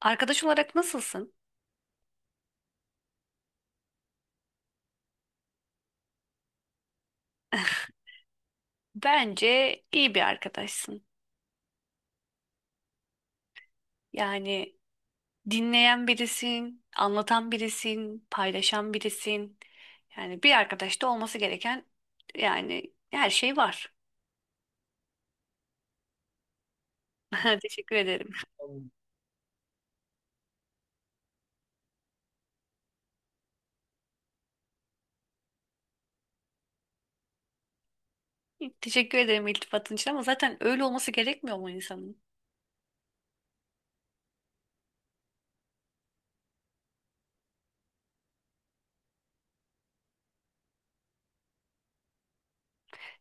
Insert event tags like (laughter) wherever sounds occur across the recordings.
Arkadaş olarak nasılsın? Bence iyi bir arkadaşsın. Yani dinleyen birisin, anlatan birisin, paylaşan birisin. Yani bir arkadaşta olması gereken yani her şey var. (laughs) Teşekkür ederim. Teşekkür ederim iltifatın için ama zaten öyle olması gerekmiyor mu insanın?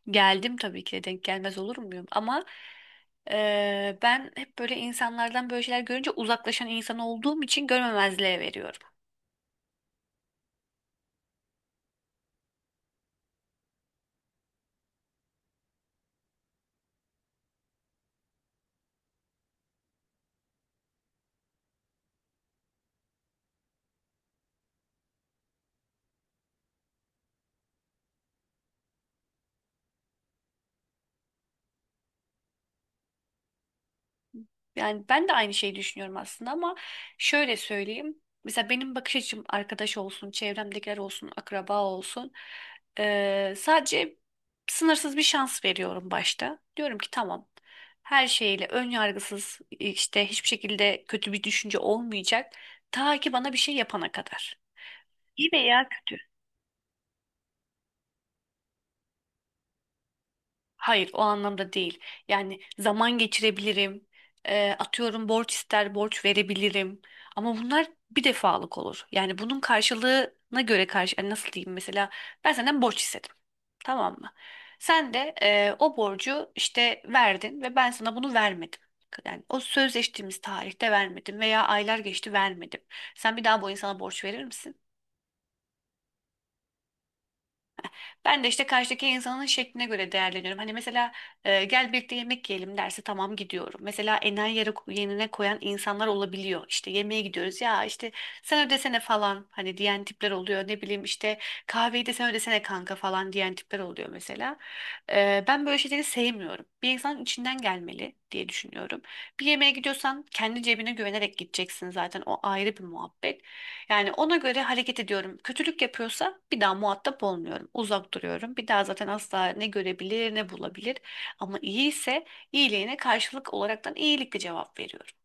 Geldim tabii ki de denk gelmez olur muyum? Ama ben hep böyle insanlardan böyle şeyler görünce uzaklaşan insan olduğum için görmemezliğe veriyorum. Yani ben de aynı şeyi düşünüyorum aslında ama şöyle söyleyeyim. Mesela benim bakış açım arkadaş olsun, çevremdekiler olsun, akraba olsun. Sadece sınırsız bir şans veriyorum başta. Diyorum ki tamam. Her şeyle ön yargısız işte hiçbir şekilde kötü bir düşünce olmayacak. Ta ki bana bir şey yapana kadar. İyi veya kötü. Hayır, o anlamda değil. Yani zaman geçirebilirim. Atıyorum borç ister borç verebilirim. Ama bunlar bir defalık olur. Yani bunun karşılığına göre karşı yani nasıl diyeyim mesela ben senden borç istedim. Tamam mı? Sen de o borcu işte verdin ve ben sana bunu vermedim. Yani o sözleştiğimiz tarihte vermedim veya aylar geçti vermedim. Sen bir daha bu insana borç verir misin? Ben de işte karşıdaki insanın şekline göre değerleniyorum. Hani mesela gel birlikte yemek yiyelim derse tamam gidiyorum. Mesela enayi yere, yerine koyan insanlar olabiliyor. İşte yemeğe gidiyoruz ya işte sen ödesene falan hani diyen tipler oluyor. Ne bileyim işte kahveyi de sen ödesene kanka falan diyen tipler oluyor mesela. Ben böyle şeyleri sevmiyorum. Bir insanın içinden gelmeli diye düşünüyorum. Bir yemeğe gidiyorsan kendi cebine güvenerek gideceksin zaten o ayrı bir muhabbet. Yani ona göre hareket ediyorum. Kötülük yapıyorsa bir daha muhatap olmuyorum. Uzak duruyorum. Bir daha zaten asla ne görebilir ne bulabilir. Ama iyi ise iyiliğine karşılık olaraktan iyilikle cevap veriyorum.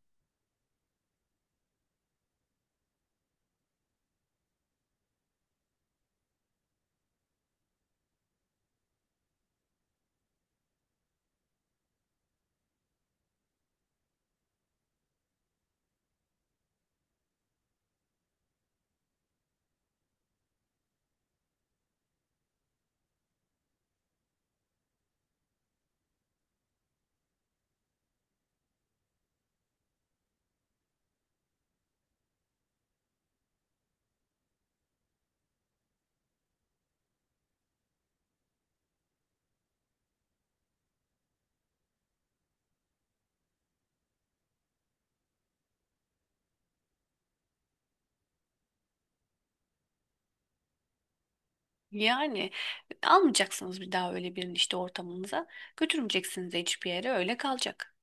Yani almayacaksınız bir daha öyle birini işte ortamınıza. Götürmeyeceksiniz de hiçbir yere öyle kalacak.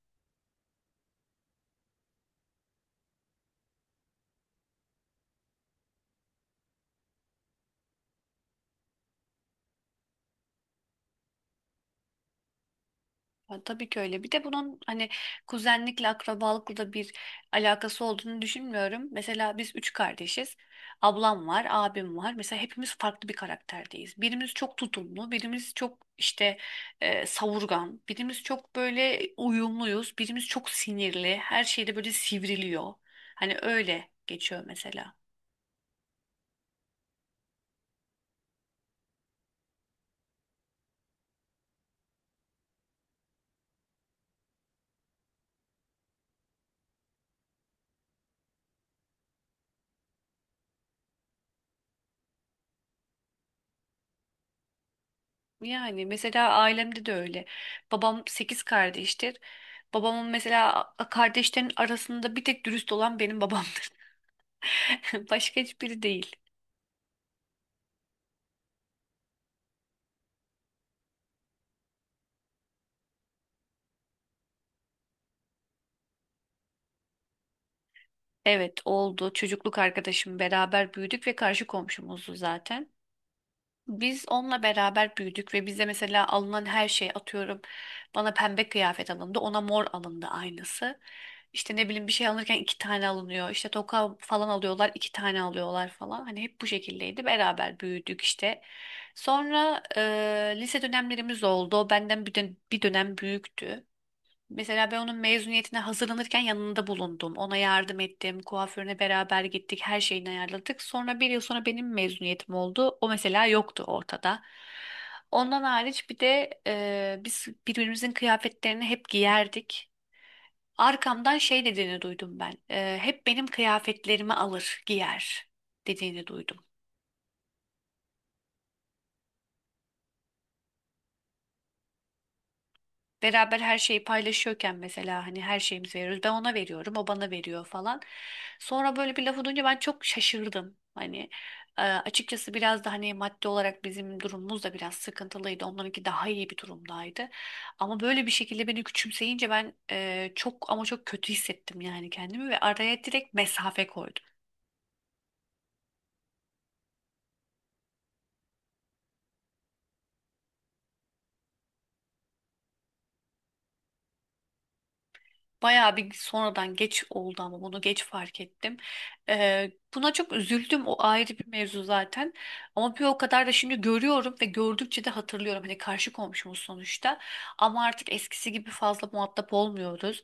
Ya tabii ki öyle. Bir de bunun hani kuzenlikle, akrabalıkla da bir alakası olduğunu düşünmüyorum. Mesela biz üç kardeşiz. Ablam var, abim var. Mesela hepimiz farklı bir karakterdeyiz. Birimiz çok tutumlu, birimiz çok işte savurgan, birimiz çok böyle uyumluyuz, birimiz çok sinirli. Her şeyde böyle sivriliyor. Hani öyle geçiyor mesela. Yani mesela ailemde de öyle. Babam 8 kardeştir. Babamın mesela kardeşlerin arasında bir tek dürüst olan benim babamdır. (laughs) Başka hiçbiri değil. Evet oldu. Çocukluk arkadaşım beraber büyüdük ve karşı komşumuzdu zaten. Biz onunla beraber büyüdük ve bize mesela alınan her şey atıyorum. Bana pembe kıyafet alındı, ona mor alındı aynısı. İşte ne bileyim bir şey alırken iki tane alınıyor. İşte toka falan alıyorlar, iki tane alıyorlar falan. Hani hep bu şekildeydi. Beraber büyüdük işte. Sonra lise dönemlerimiz oldu. O benden bir dönem büyüktü. Mesela ben onun mezuniyetine hazırlanırken yanında bulundum. Ona yardım ettim. Kuaförüne beraber gittik. Her şeyini ayarladık. Sonra bir yıl sonra benim mezuniyetim oldu. O mesela yoktu ortada. Ondan hariç bir de biz birbirimizin kıyafetlerini hep giyerdik. Arkamdan şey dediğini duydum ben. Hep benim kıyafetlerimi alır, giyer dediğini duydum. Beraber her şeyi paylaşıyorken mesela hani her şeyimizi veriyoruz. Ben ona veriyorum, o bana veriyor falan. Sonra böyle bir lafı duyunca ben çok şaşırdım. Hani açıkçası biraz da hani maddi olarak bizim durumumuz da biraz sıkıntılıydı. Onlarınki daha iyi bir durumdaydı. Ama böyle bir şekilde beni küçümseyince ben çok ama çok kötü hissettim yani kendimi ve araya direkt mesafe koydum. Bayağı bir sonradan geç oldu ama bunu geç fark ettim. Buna çok üzüldüm. O ayrı bir mevzu zaten. Ama bir o kadar da şimdi görüyorum ve gördükçe de hatırlıyorum. Hani karşı komşumuz sonuçta. Ama artık eskisi gibi fazla muhatap olmuyoruz.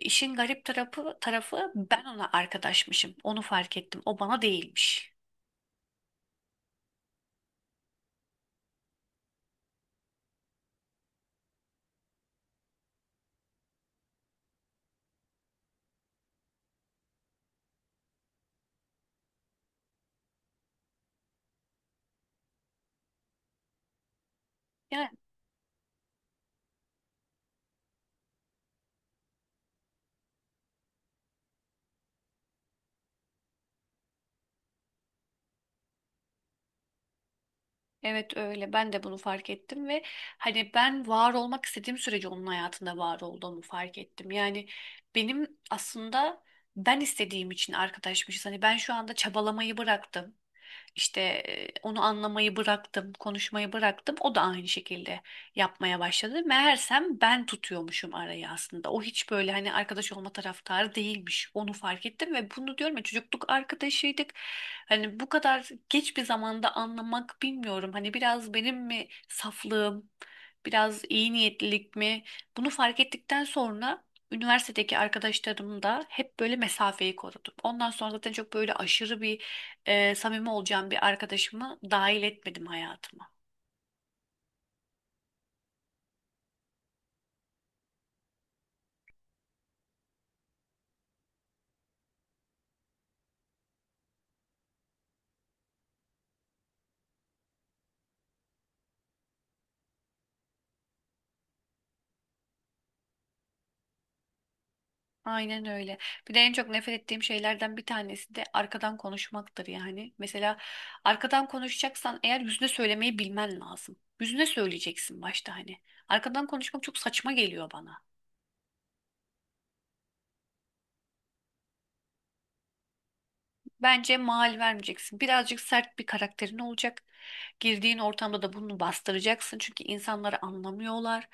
İşin garip tarafı, ben ona arkadaşmışım. Onu fark ettim. O bana değilmiş. Yani evet öyle. Ben de bunu fark ettim ve hani ben var olmak istediğim sürece onun hayatında var olduğumu fark ettim. Yani benim aslında ben istediğim için arkadaşmışız. Hani ben şu anda çabalamayı bıraktım. İşte onu anlamayı bıraktım, konuşmayı bıraktım. O da aynı şekilde yapmaya başladı. Meğersem ben tutuyormuşum arayı aslında. O hiç böyle hani arkadaş olma taraftarı değilmiş. Onu fark ettim ve bunu diyorum ya çocukluk arkadaşıydık. Hani bu kadar geç bir zamanda anlamak bilmiyorum. Hani biraz benim mi saflığım, biraz iyi niyetlilik mi? Bunu fark ettikten sonra üniversitedeki arkadaşlarım da hep böyle mesafeyi korudum. Ondan sonra zaten çok böyle aşırı bir samimi olacağım bir arkadaşımı dahil etmedim hayatıma. Aynen öyle. Bir de en çok nefret ettiğim şeylerden bir tanesi de arkadan konuşmaktır yani. Mesela arkadan konuşacaksan eğer yüzüne söylemeyi bilmen lazım. Yüzüne söyleyeceksin başta hani. Arkadan konuşmak çok saçma geliyor bana. Bence mal vermeyeceksin. Birazcık sert bir karakterin olacak. Girdiğin ortamda da bunu bastıracaksın. Çünkü insanları anlamıyorlar.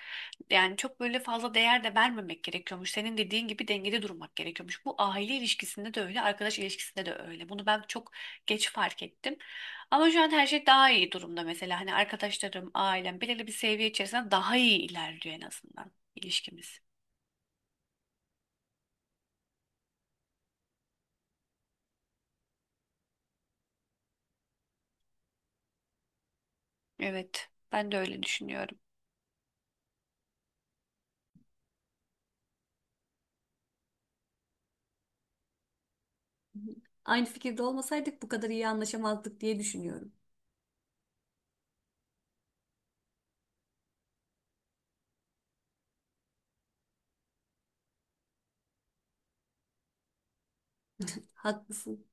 Yani çok böyle fazla değer de vermemek gerekiyormuş. Senin dediğin gibi dengede durmak gerekiyormuş. Bu aile ilişkisinde de öyle, arkadaş ilişkisinde de öyle. Bunu ben çok geç fark ettim. Ama şu an her şey daha iyi durumda mesela. Hani arkadaşlarım, ailem belirli bir seviye içerisinde daha iyi ilerliyor en azından ilişkimiz. Evet, ben de öyle düşünüyorum. Aynı fikirde olmasaydık bu kadar iyi anlaşamazdık diye düşünüyorum. Haklısın.